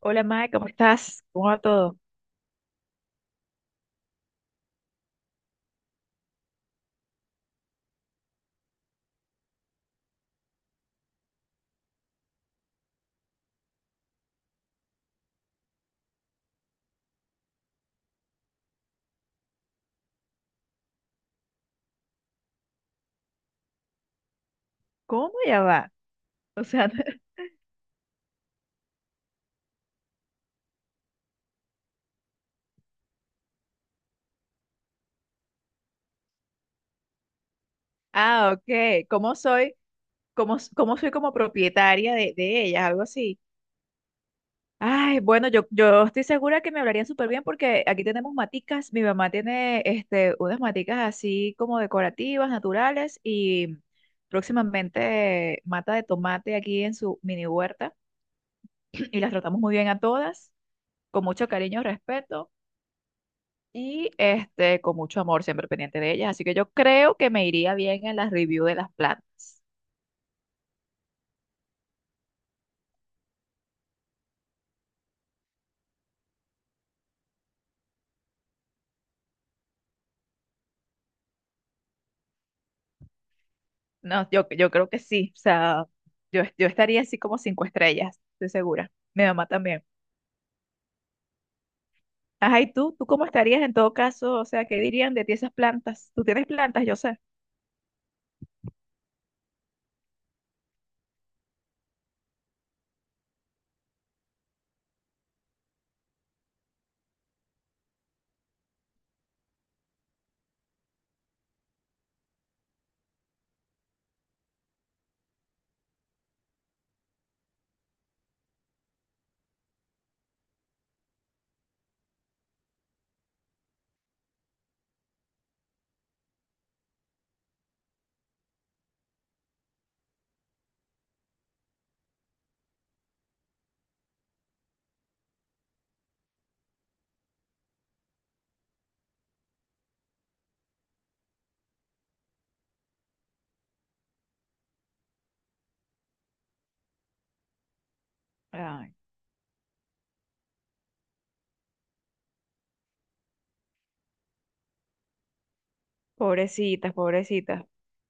Hola, Mae, ¿cómo estás? ¿Cómo va todo? ¿Cómo ya va? O sea, ah, ok. ¿Cómo soy? ¿Cómo, cómo soy como propietaria de ellas? Algo así. Ay, bueno, yo estoy segura que me hablarían súper bien porque aquí tenemos maticas. Mi mamá tiene unas maticas así como decorativas, naturales y próximamente mata de tomate aquí en su mini huerta y las tratamos muy bien a todas, con mucho cariño y respeto. Y con mucho amor, siempre pendiente de ellas. Así que yo creo que me iría bien en las review de las plantas. No, yo creo que sí. O sea, yo estaría así como cinco estrellas, estoy segura. Mi mamá también. Ajá, ¿y tú? ¿Tú cómo estarías en todo caso? O sea, ¿qué dirían de ti esas plantas? Tú tienes plantas, yo sé. Ay, pobrecitas, pobrecitas.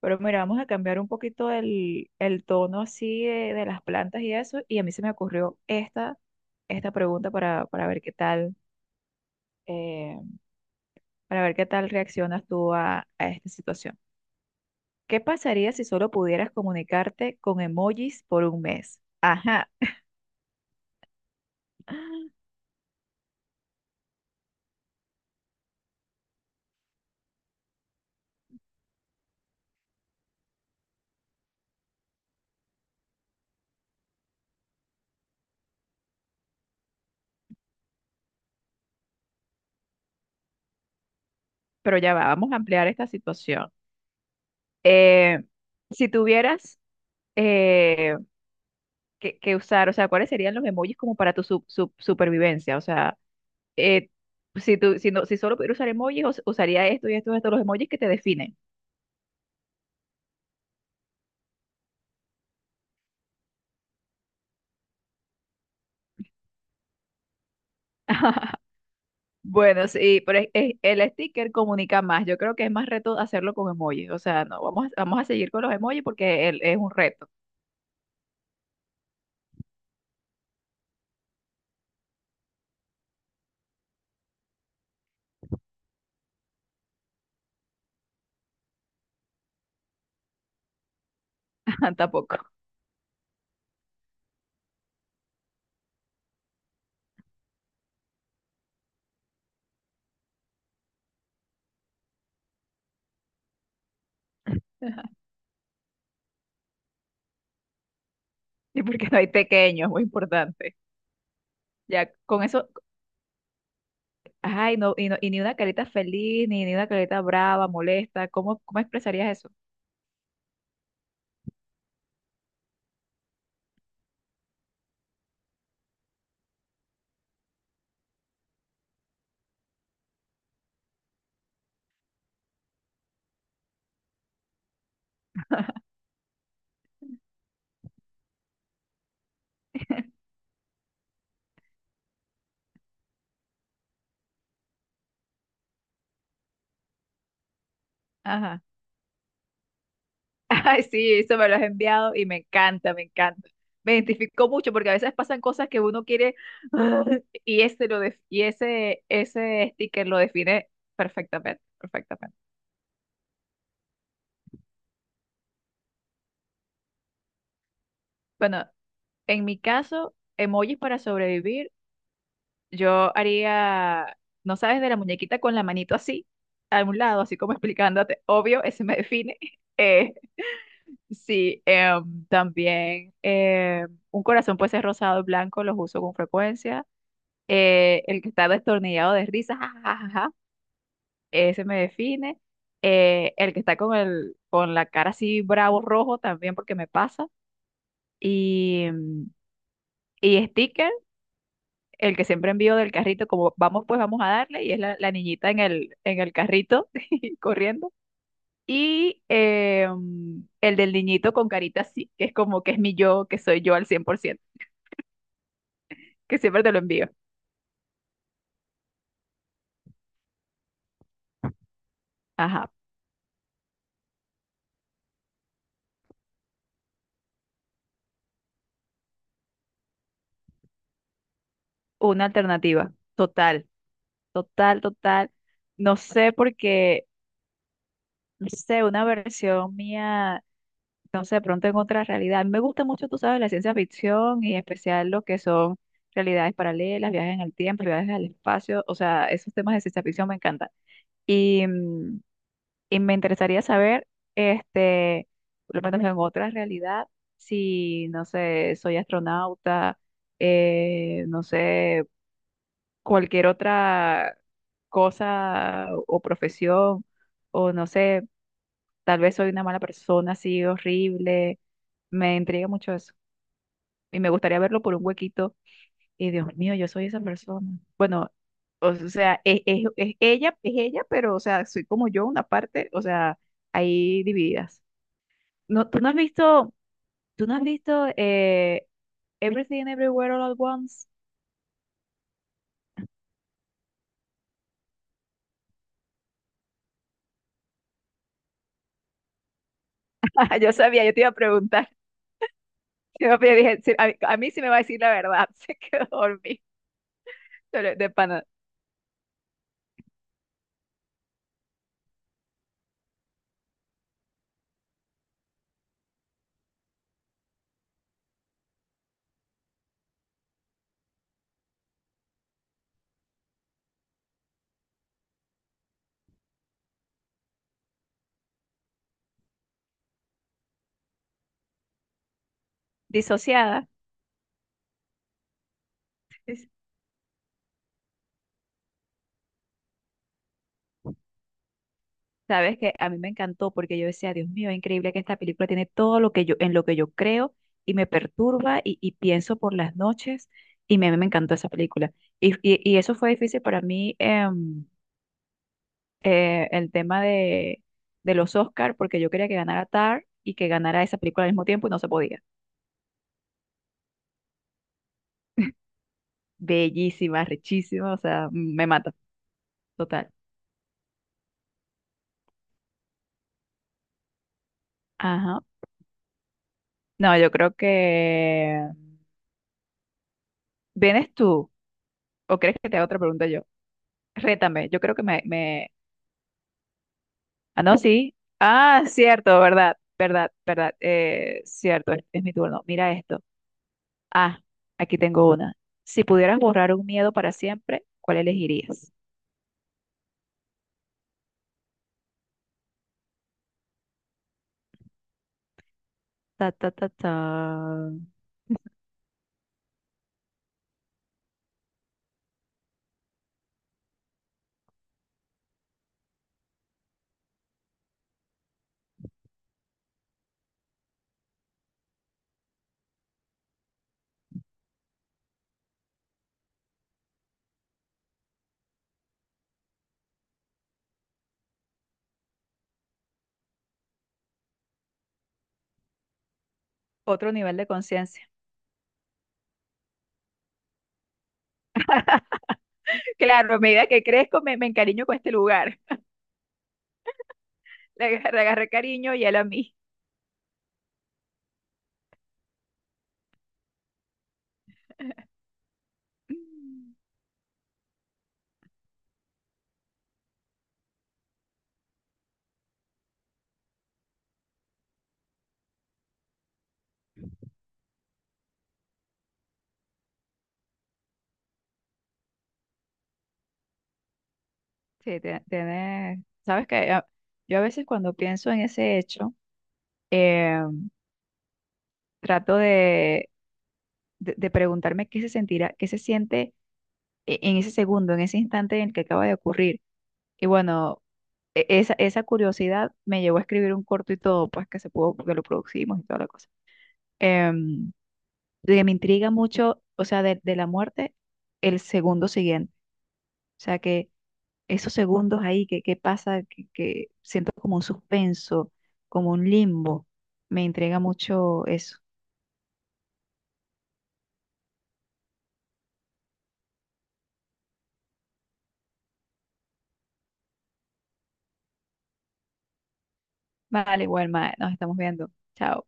Pero mira, vamos a cambiar un poquito el tono así de las plantas y eso. Y a mí se me ocurrió esta pregunta para ver qué tal. eh, para ver qué tal reaccionas tú a esta situación. ¿Qué pasaría si solo pudieras comunicarte con emojis por un mes? Ajá, pero ya va, vamos a ampliar esta situación. Eh, si tuvieras eh, que usar, o sea, ¿cuáles serían los emojis como para tu supervivencia? O sea, eh, si, tú, si, no, si solo pudiera usar emojis, usaría esto y esto y esto, los emojis que te definen. Bueno, sí, pero el sticker comunica más. Yo creo que es más reto hacerlo con emojis. O sea, no, vamos a seguir con los emojis porque es un reto. Tampoco. Y porque no hay pequeño, es muy importante. Ya, con eso, ay, no, y no, y ni una carita feliz, ni una carita brava, molesta. ¿Cómo expresarías eso? Ajá. Ay, sí, eso me lo has enviado y me encanta, me encanta. Me identificó mucho porque a veces pasan cosas que uno quiere ah, y ese sticker lo define perfectamente, perfectamente. Bueno, en mi caso, emojis para sobrevivir, yo haría, no sabes, de la muñequita con la manito así, a un lado, así como explicándote, obvio, ese me define. Eh, sí, también un corazón puede ser rosado y blanco, los uso con frecuencia. El que está destornillado de risa, ja, ja, ja, ja, ja, ese me define. El que está con la cara así bravo rojo también porque me pasa, y, mm, y sticker, el que siempre envío del carrito, como vamos pues vamos a darle, y es la niñita en el carrito corriendo. Y el del niñito con carita así, que es como que es mi yo, que soy yo al 100% que siempre te lo envío. Ajá, una alternativa total. Total, total. No sé porque, no sé, una versión mía, no sé, de pronto en otra realidad. A mí me gusta mucho, tú sabes, la ciencia ficción y en especial lo que son realidades paralelas, viajes en el tiempo, viajes al espacio. O sea, esos temas de ciencia ficción me encantan. Y, mm, y me interesaría saber, este, por lo menos en otra realidad, si, no sé, soy astronauta, no sé. Cualquier otra cosa o profesión, o no sé, tal vez soy una mala persona así horrible, me intriga mucho eso. Y me gustaría verlo por un huequito, y Dios mío, yo soy esa persona. Bueno, o sea, es ella, es ella, pero o sea, soy como yo, una parte, o sea, ahí divididas. No, tú no has visto, tú no has visto eh, Everything Everywhere All at Once. Yo sabía, yo te iba a preguntar. Yo dije, sí, mí a mí sí me va a decir la verdad, se quedó dormida, pero de pana, disociada. Es- Sabes que a mí me encantó porque yo decía, Dios mío, es increíble que esta película tiene todo lo que en lo que yo creo y me perturba y pienso por las noches y me encantó esa película. Y eso fue difícil para mí, el tema de los Oscar, porque yo quería que ganara Tar y que ganara esa película al mismo tiempo y no se podía. Bellísima, richísima, o sea, me mata, total. Ajá. No, yo creo que... ¿Vienes tú? ¿O crees que te haga otra pregunta yo? Rétame, yo creo que me... Ah, no, sí. Ah, cierto, verdad, verdad, verdad. Cierto, es mi turno. Mira esto. Ah, aquí tengo una. Si pudieras borrar un miedo para siempre, ¿cuál elegirías? Ta, ta, ta, ta. Otro nivel de conciencia. Claro, a medida que crezco, me encariño con este lugar. Le agarré cariño y él a mí. Sí, tiene, sabes que yo a veces cuando pienso en ese hecho, eh, trato de preguntarme qué se sentirá, qué se siente en ese segundo, en ese instante en el que acaba de ocurrir. Y bueno, esa curiosidad me llevó a escribir un corto y todo, pues que se pudo, porque lo producimos y toda la cosa. Em, de que me intriga mucho, o sea, de la muerte, el segundo siguiente. O sea, esos segundos ahí que pasa, que siento como un suspenso, como un limbo, me entrega mucho eso. Vale, Wilma, nos estamos viendo. Chao.